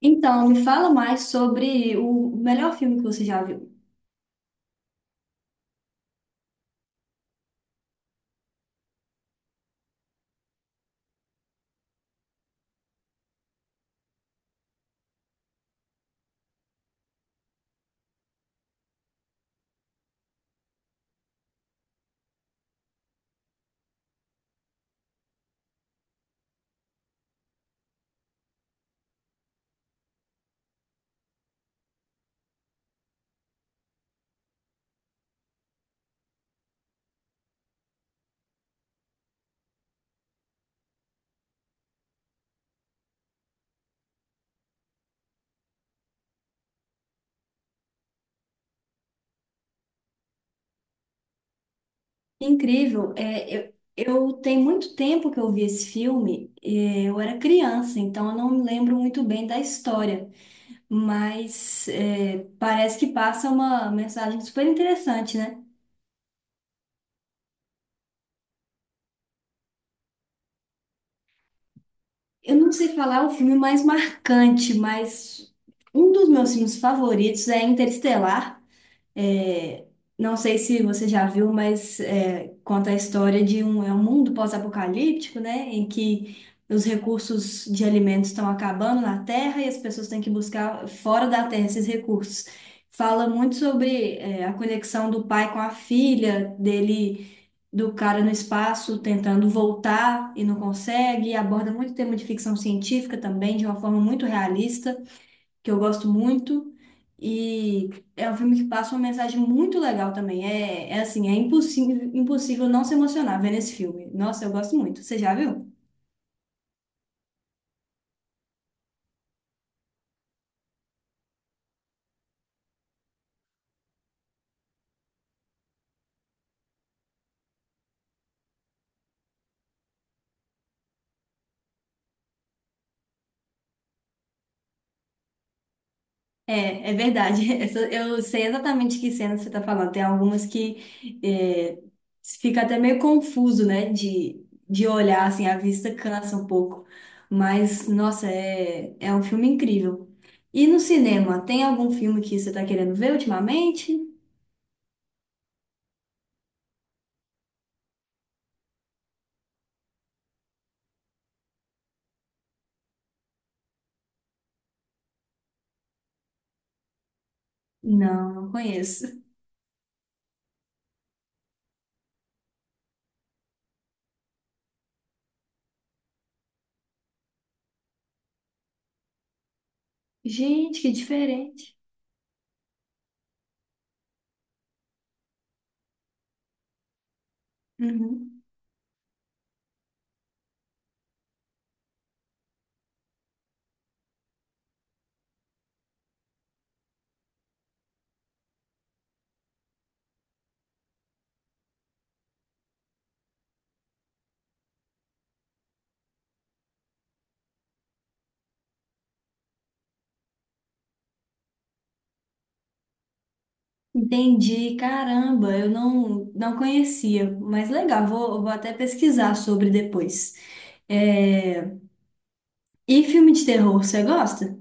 Então, me fala mais sobre o melhor filme que você já viu. Incrível, eu tenho muito tempo que eu vi esse filme, eu era criança, então eu não me lembro muito bem da história, mas parece que passa uma mensagem super interessante, né? Eu não sei falar o filme mais marcante, mas um dos meus filmes favoritos é Interestelar. É, não sei se você já viu, mas conta a história de um, é um mundo pós-apocalíptico, né? Em que os recursos de alimentos estão acabando na Terra e as pessoas têm que buscar fora da Terra esses recursos. Fala muito sobre a conexão do pai com a filha, dele, do cara no espaço tentando voltar e não consegue. E aborda muito tema de ficção científica também, de uma forma muito realista que eu gosto muito. E é um filme que passa uma mensagem muito legal também. É, é assim, é impossível, impossível não se emocionar vendo esse filme. Nossa, eu gosto muito. Você já viu? É, é verdade. Eu sei exatamente que cena você está falando. Tem algumas que é, fica até meio confuso, né? De olhar, assim, a vista cansa um pouco. Mas, nossa, é um filme incrível. E no cinema, tem algum filme que você está querendo ver ultimamente? Não, não conheço. Gente, que diferente. Uhum. Entendi, caramba, eu não, não conhecia, mas legal, vou até pesquisar sobre depois. É, e filme de terror, você gosta?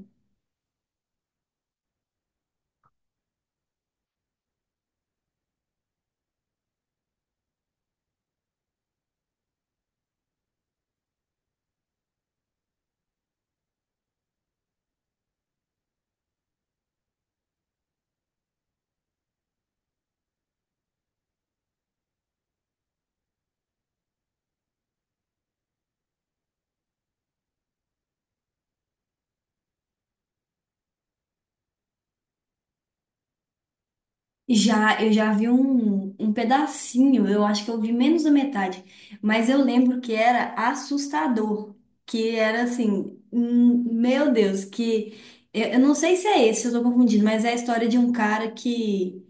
Já, eu já vi um pedacinho, eu acho que eu vi menos da metade, mas eu lembro que era assustador, que era assim, meu Deus, que eu não sei se é esse, eu tô confundindo, mas é a história de um cara que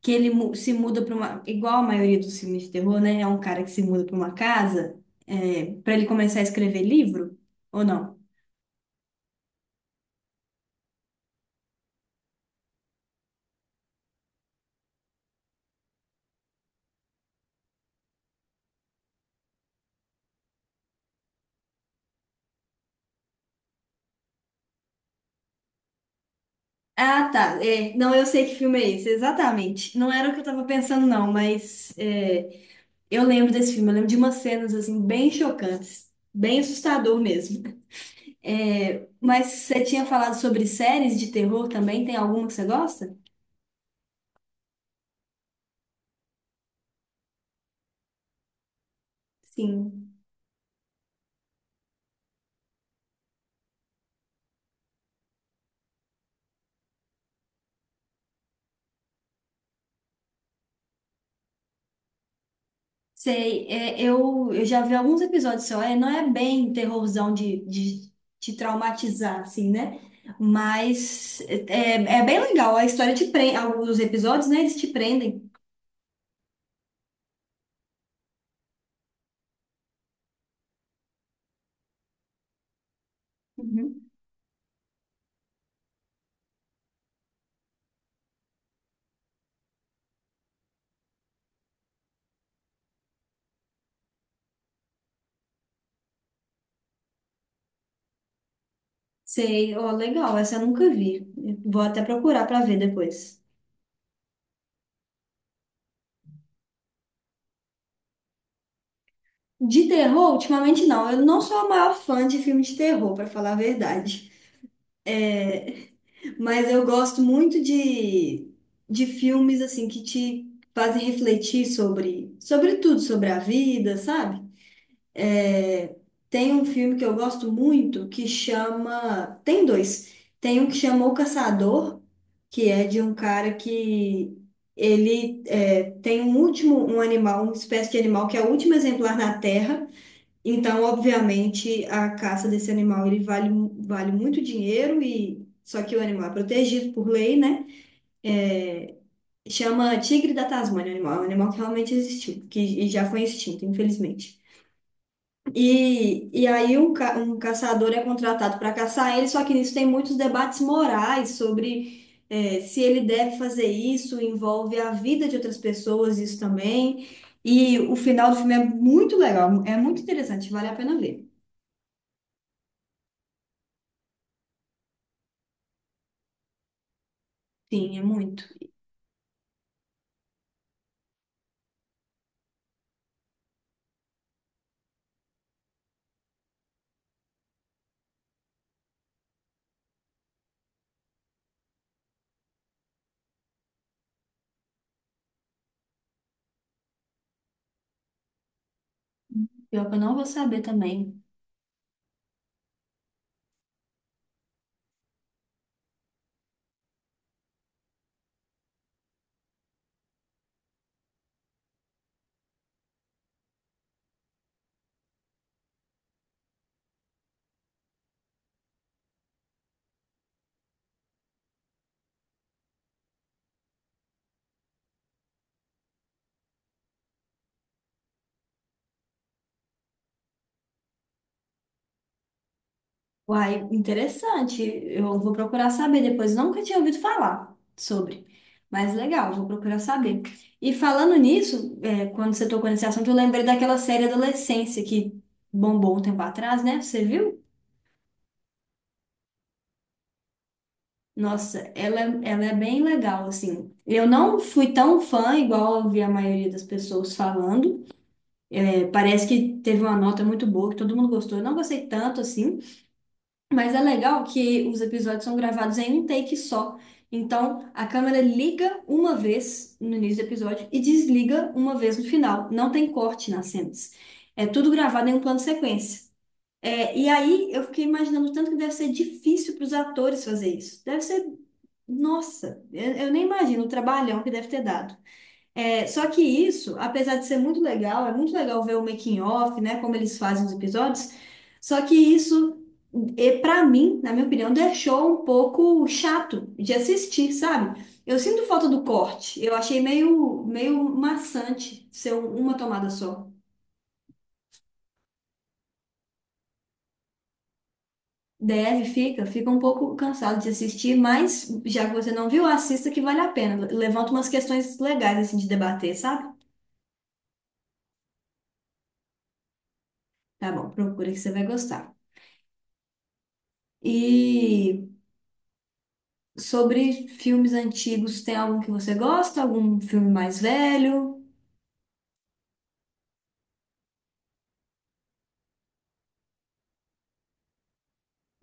se muda para uma, igual a maioria dos filmes de terror, né? É um cara que se muda para uma casa, para ele começar a escrever livro, ou não? Ah, tá. É, não, eu sei que filme é esse, exatamente. Não era o que eu tava pensando, não, mas é, eu lembro desse filme, eu lembro de umas cenas assim bem chocantes, bem assustador mesmo. É, mas você tinha falado sobre séries de terror também, tem alguma que você gosta? Sim. Sei, eu já vi alguns episódios só, não é bem terrorzão de te traumatizar, assim, né? Mas é, é bem legal, a história te prende, alguns episódios, né, eles te prendem. Uhum. Sei, ó, legal, essa eu nunca vi, vou até procurar pra ver depois. De terror, ultimamente não, eu não sou a maior fã de filme de terror, pra falar a verdade. Mas eu gosto muito de filmes assim que te fazem refletir sobre tudo, sobre a vida, sabe? É, tem um filme que eu gosto muito que chama. Tem dois. Tem um que chama O Caçador, que é de um cara que tem um último, um animal, uma espécie de animal que é o último exemplar na Terra. Então, obviamente, a caça desse animal ele vale, vale muito dinheiro e só que o animal é protegido por lei, né? Chama tigre da Tasmânia, o animal, é um animal que realmente existiu, que já foi extinto, infelizmente. E aí um caçador é contratado para caçar ele, só que nisso tem muitos debates morais sobre se ele deve fazer isso, envolve a vida de outras pessoas, isso também. E o final do filme é muito legal, é muito interessante, vale a pena ver. Sim, é muito. Pior que eu não vou saber também. Uai, interessante. Eu vou procurar saber depois. Nunca tinha ouvido falar sobre. Mas legal, vou procurar saber. E falando nisso, quando você tocou nesse assunto, eu lembrei daquela série Adolescência que bombou um tempo atrás, né? Você viu? Nossa, ela é bem legal, assim. Eu não fui tão fã, igual eu vi a maioria das pessoas falando. É, parece que teve uma nota muito boa, que todo mundo gostou. Eu não gostei tanto, assim. Mas é legal que os episódios são gravados em um take só. Então, a câmera liga uma vez no início do episódio e desliga uma vez no final. Não tem corte nas cenas. É tudo gravado em um plano sequência. É, e aí, eu fiquei imaginando o tanto que deve ser difícil para os atores fazer isso. Deve ser. Nossa, eu nem imagino o trabalhão que deve ter dado. É, só que isso, apesar de ser muito legal, é muito legal ver o making of, né, como eles fazem os episódios. Só que isso, e para mim, na minha opinião, deixou um pouco chato de assistir, sabe? Eu sinto falta do corte. Eu achei meio maçante ser uma tomada só. Deve, fica um pouco cansado de assistir, mas já que você não viu, assista que vale a pena. Levanta umas questões legais assim de debater, sabe? Tá bom, procura que você vai gostar. E sobre filmes antigos, tem algum que você gosta? Algum filme mais velho?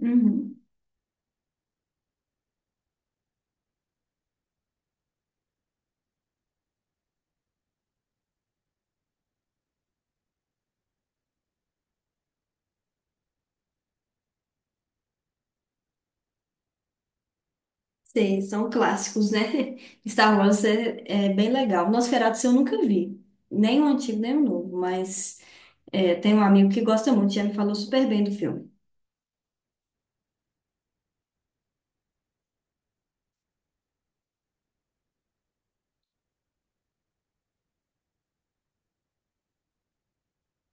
Uhum. Sei, são clássicos, né? Star Wars é, é bem legal. Nosferatu eu nunca vi. Nem o antigo, nem o novo. Mas é, tem um amigo que gosta muito, já me falou super bem do filme.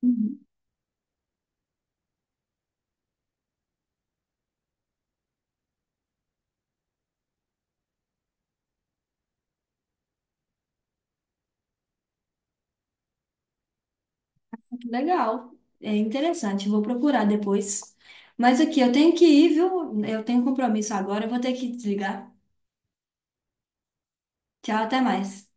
Uhum. Legal. É interessante, vou procurar depois. Mas aqui, eu tenho que ir, viu? Eu tenho um compromisso agora, eu vou ter que desligar. Tchau, até mais.